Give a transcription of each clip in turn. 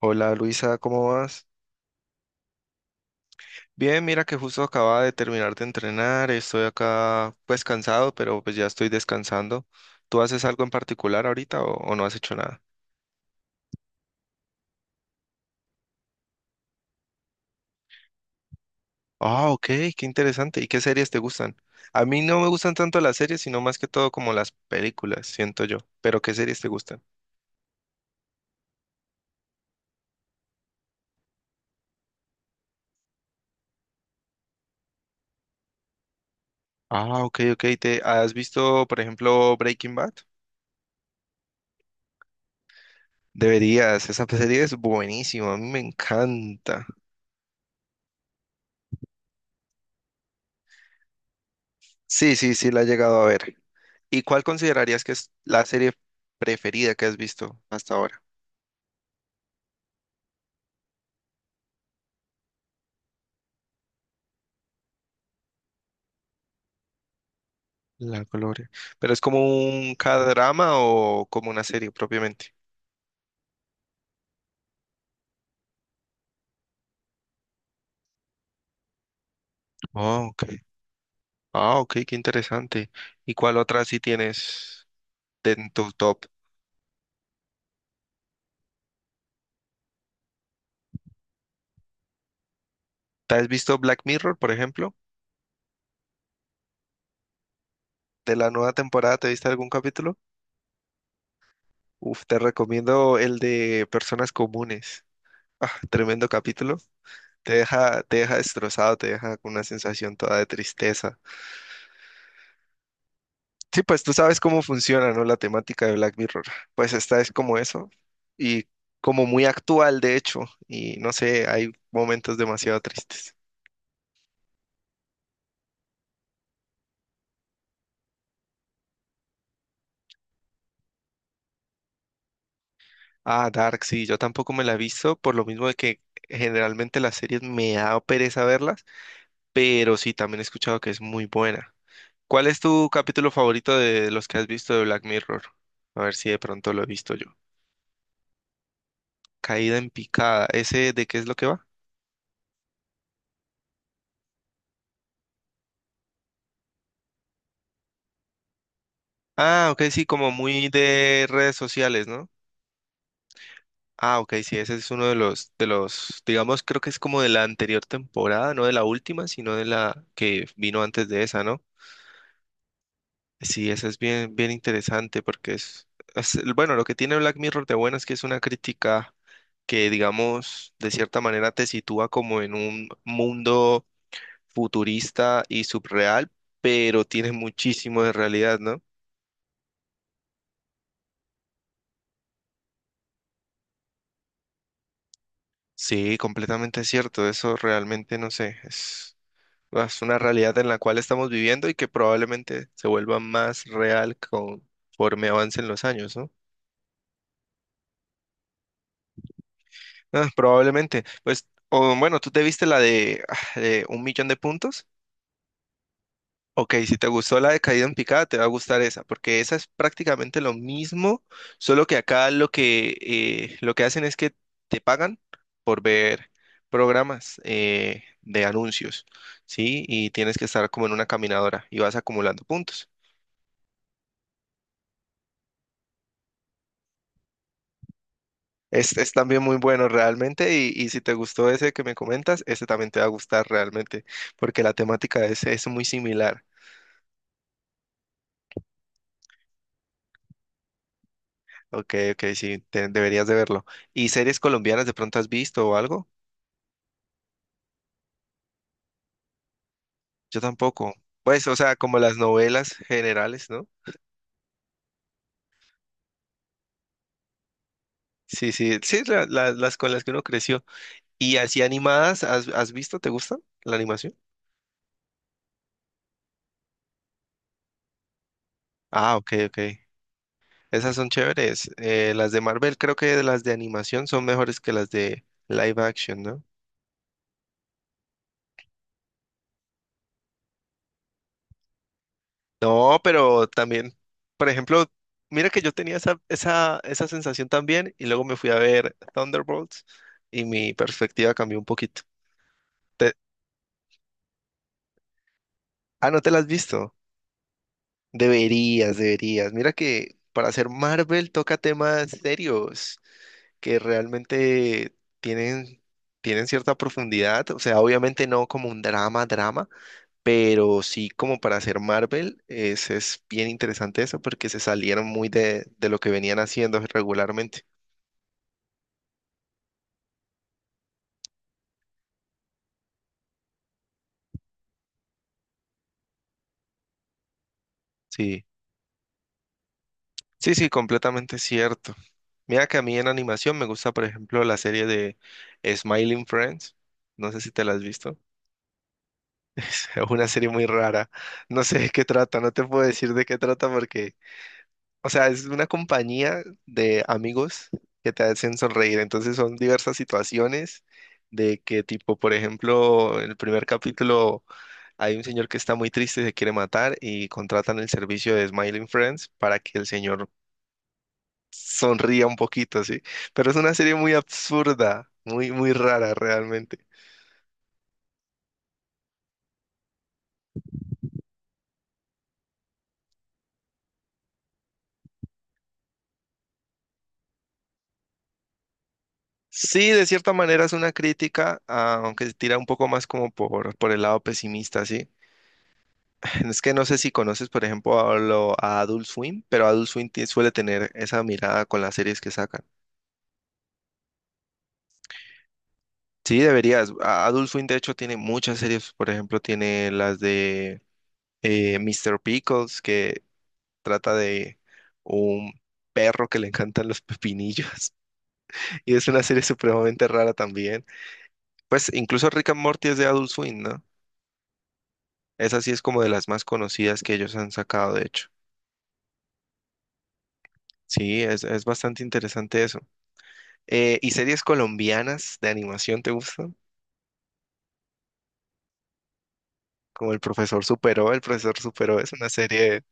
Hola Luisa, ¿cómo vas? Bien, mira que justo acababa de terminar de entrenar, estoy acá pues cansado, pero pues ya estoy descansando. ¿Tú haces algo en particular ahorita o no has hecho nada? Ah, ok, qué interesante. ¿Y qué series te gustan? A mí no me gustan tanto las series, sino más que todo como las películas, siento yo. Pero ¿qué series te gustan? Ah, ok, ok. ¿Te has visto, por ejemplo, Breaking Bad? Deberías, esa serie es buenísima, a mí me encanta. Sí, sí, sí, la he llegado a ver. ¿Y cuál considerarías que es la serie preferida que has visto hasta ahora? La Gloria. ¿Pero es como un K-drama o como una serie propiamente? Ah, ok. Ah, ok, qué interesante. ¿Y cuál otra sí tienes en tu top? ¿Te has visto Black Mirror, por ejemplo? ¿De la nueva temporada te viste algún capítulo? Uf, te recomiendo el de Personas Comunes. Ah, tremendo capítulo. Te deja destrozado, te deja con una sensación toda de tristeza. Sí, pues tú sabes cómo funciona, ¿no? La temática de Black Mirror. Pues esta es como eso y como muy actual, de hecho, y no sé, hay momentos demasiado tristes. Ah, Dark, sí, yo tampoco me la he visto, por lo mismo de que generalmente las series me da pereza verlas, pero sí, también he escuchado que es muy buena. ¿Cuál es tu capítulo favorito de los que has visto de Black Mirror? A ver si de pronto lo he visto yo. Caída en picada, ¿ese de qué es lo que va? Ah, ok, sí, como muy de redes sociales, ¿no? Ah, ok, sí, ese es uno de los, digamos, creo que es como de la anterior temporada, no de la última, sino de la que vino antes de esa, ¿no? Sí, ese es bien, bien interesante porque bueno, lo que tiene Black Mirror de bueno es que es una crítica que, digamos, de cierta manera te sitúa como en un mundo futurista y subreal, pero tiene muchísimo de realidad, ¿no? Sí, completamente cierto, eso realmente no sé, es. Es una realidad en la cual estamos viviendo y que probablemente se vuelva más real conforme avancen los años, ¿no? Ah, probablemente. Pues, o bueno, ¿tú te viste la de, de 1 millón de puntos? Ok, si te gustó la de caída en picada, te va a gustar esa, porque esa es prácticamente lo mismo, solo que acá lo que hacen es que te pagan por ver programas de anuncios, ¿sí? Y tienes que estar como en una caminadora y vas acumulando puntos. Es también muy bueno realmente y si te gustó ese que me comentas, ese también te va a gustar realmente porque la temática es muy similar. Ok, ok, sí, deberías de verlo. ¿Y series colombianas de pronto has visto o algo? Yo tampoco. Pues, o sea, como las novelas generales, ¿no? Sí, sí, sí, las con las que uno creció. ¿Y así animadas, has visto? ¿Te gustan la animación? Ah, ok, ok. Esas son chéveres. Las de Marvel creo que las de animación son mejores que las de live action, ¿no? No, pero también, por ejemplo, mira que yo tenía esa sensación también y luego me fui a ver Thunderbolts y mi perspectiva cambió un poquito. Te- ¿No te la has visto? Deberías, deberías. Mira que para hacer Marvel toca temas serios que realmente tienen, tienen cierta profundidad. O sea, obviamente no como un drama, drama. Pero sí, como para hacer Marvel, es bien interesante eso porque se salieron muy de lo que venían haciendo regularmente. Sí, sí, sí, completamente cierto. Mira que a mí en animación me gusta, por ejemplo, la serie de Smiling Friends. No sé si te la has visto. Es una serie muy rara. No sé de qué trata, no te puedo decir de qué trata porque. O sea, es una compañía de amigos que te hacen sonreír. Entonces son diversas situaciones de que tipo, por ejemplo, en el primer capítulo hay un señor que está muy triste y se quiere matar y contratan el servicio de Smiling Friends para que el señor sonría un poquito, ¿sí? Pero es una serie muy absurda, muy, muy rara realmente. Sí, de cierta manera es una crítica, ah, aunque se tira un poco más como por el lado pesimista, ¿sí? Es que no sé si conoces, por ejemplo, a Adult Swim, pero Adult Swim suele tener esa mirada con las series que sacan. Sí, deberías. Adult Swim, de hecho, tiene muchas series. Por ejemplo, tiene las de Mr. Pickles, que trata de un perro que le encantan los pepinillos. Y es una serie supremamente rara también. Pues incluso Rick and Morty es de Adult Swim, ¿no? Esa sí es como de las más conocidas que ellos han sacado, de hecho. Sí, es bastante interesante eso. ¿Y series colombianas de animación te gustan? Como El Profesor Superó, El Profesor Superó es una serie,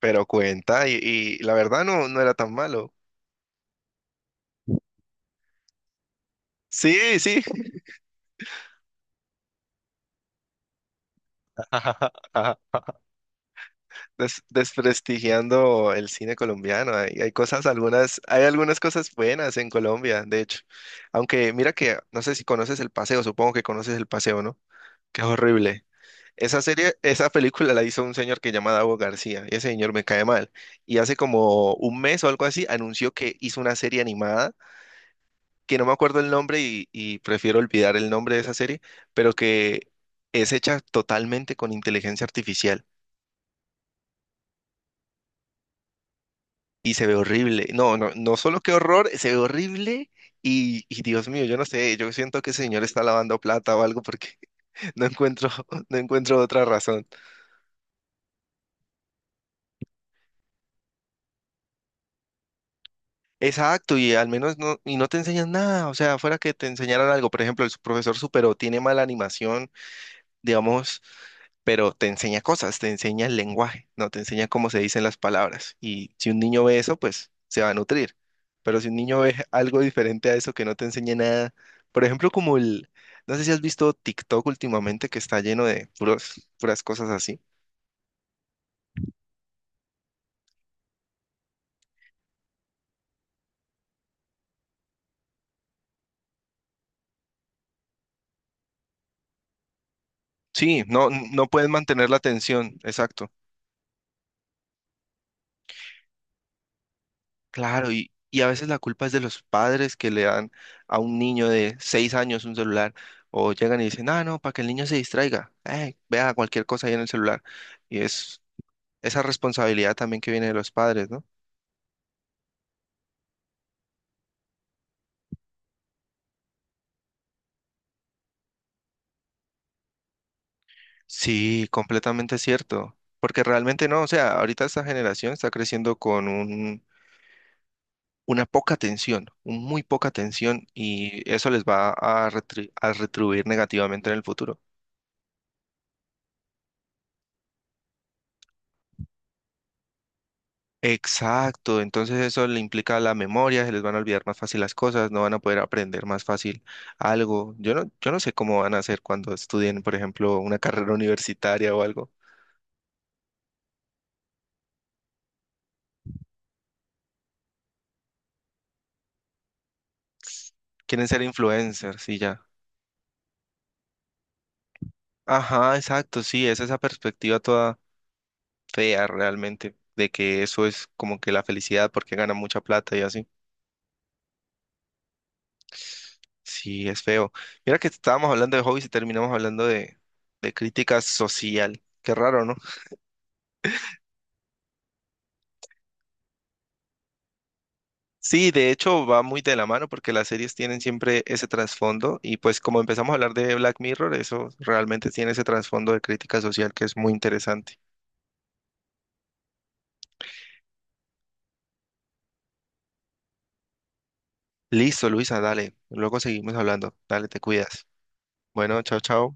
pero cuenta, y la verdad no, no era tan malo. Sí, sí, ajá. Des- desprestigiando el cine colombiano. Hay cosas, algunas, hay algunas cosas buenas en Colombia, de hecho. Aunque mira que, no sé si conoces El Paseo, supongo que conoces El Paseo, ¿no? Que es horrible. Esa serie, esa película la hizo un señor que se llama Davo García, y ese señor me cae mal. Y hace como un mes o algo así anunció que hizo una serie animada, que no me acuerdo el nombre y prefiero olvidar el nombre de esa serie, pero que es hecha totalmente con inteligencia artificial y se ve horrible. No, no, no solo que horror, se ve horrible y Dios mío, yo no sé, yo siento que ese señor está lavando plata o algo porque no encuentro, no encuentro otra razón. Exacto, y al menos no, y no te enseñan nada, o sea, fuera que te enseñaran algo, por ejemplo, el profesor supero tiene mala animación, digamos, pero te enseña cosas, te enseña el lenguaje, no te enseña cómo se dicen las palabras, y si un niño ve eso, pues se va a nutrir, pero si un niño ve algo diferente a eso que no te enseña nada, por ejemplo, como el, no sé si has visto TikTok últimamente que está lleno de puros, puras cosas así. Sí, no, no puedes mantener la atención, exacto. Claro, y a veces la culpa es de los padres que le dan a un niño de 6 años un celular o llegan y dicen, ah, no, para que el niño se distraiga, vea cualquier cosa ahí en el celular. Y es esa responsabilidad también que viene de los padres, ¿no? Sí, completamente cierto, porque realmente no, o sea, ahorita esta generación está creciendo con una poca atención, un muy poca atención y eso les va a, a retribuir negativamente en el futuro. Exacto, entonces eso le implica a la memoria, se les van a olvidar más fácil las cosas, no van a poder aprender más fácil algo. Yo no, yo no sé cómo van a hacer cuando estudien, por ejemplo, una carrera universitaria o algo. Quieren ser influencers y ya. Ajá, exacto, sí, es esa perspectiva toda fea realmente, de que eso es como que la felicidad porque ganan mucha plata y así. Sí, es feo. Mira que estábamos hablando de hobbies y terminamos hablando de crítica social. Qué raro, ¿no? Sí, de hecho va muy de la mano porque las series tienen siempre ese trasfondo y pues como empezamos a hablar de Black Mirror, eso realmente tiene ese trasfondo de crítica social que es muy interesante. Listo, Luisa, dale. Luego seguimos hablando. Dale, te cuidas. Bueno, chao, chao.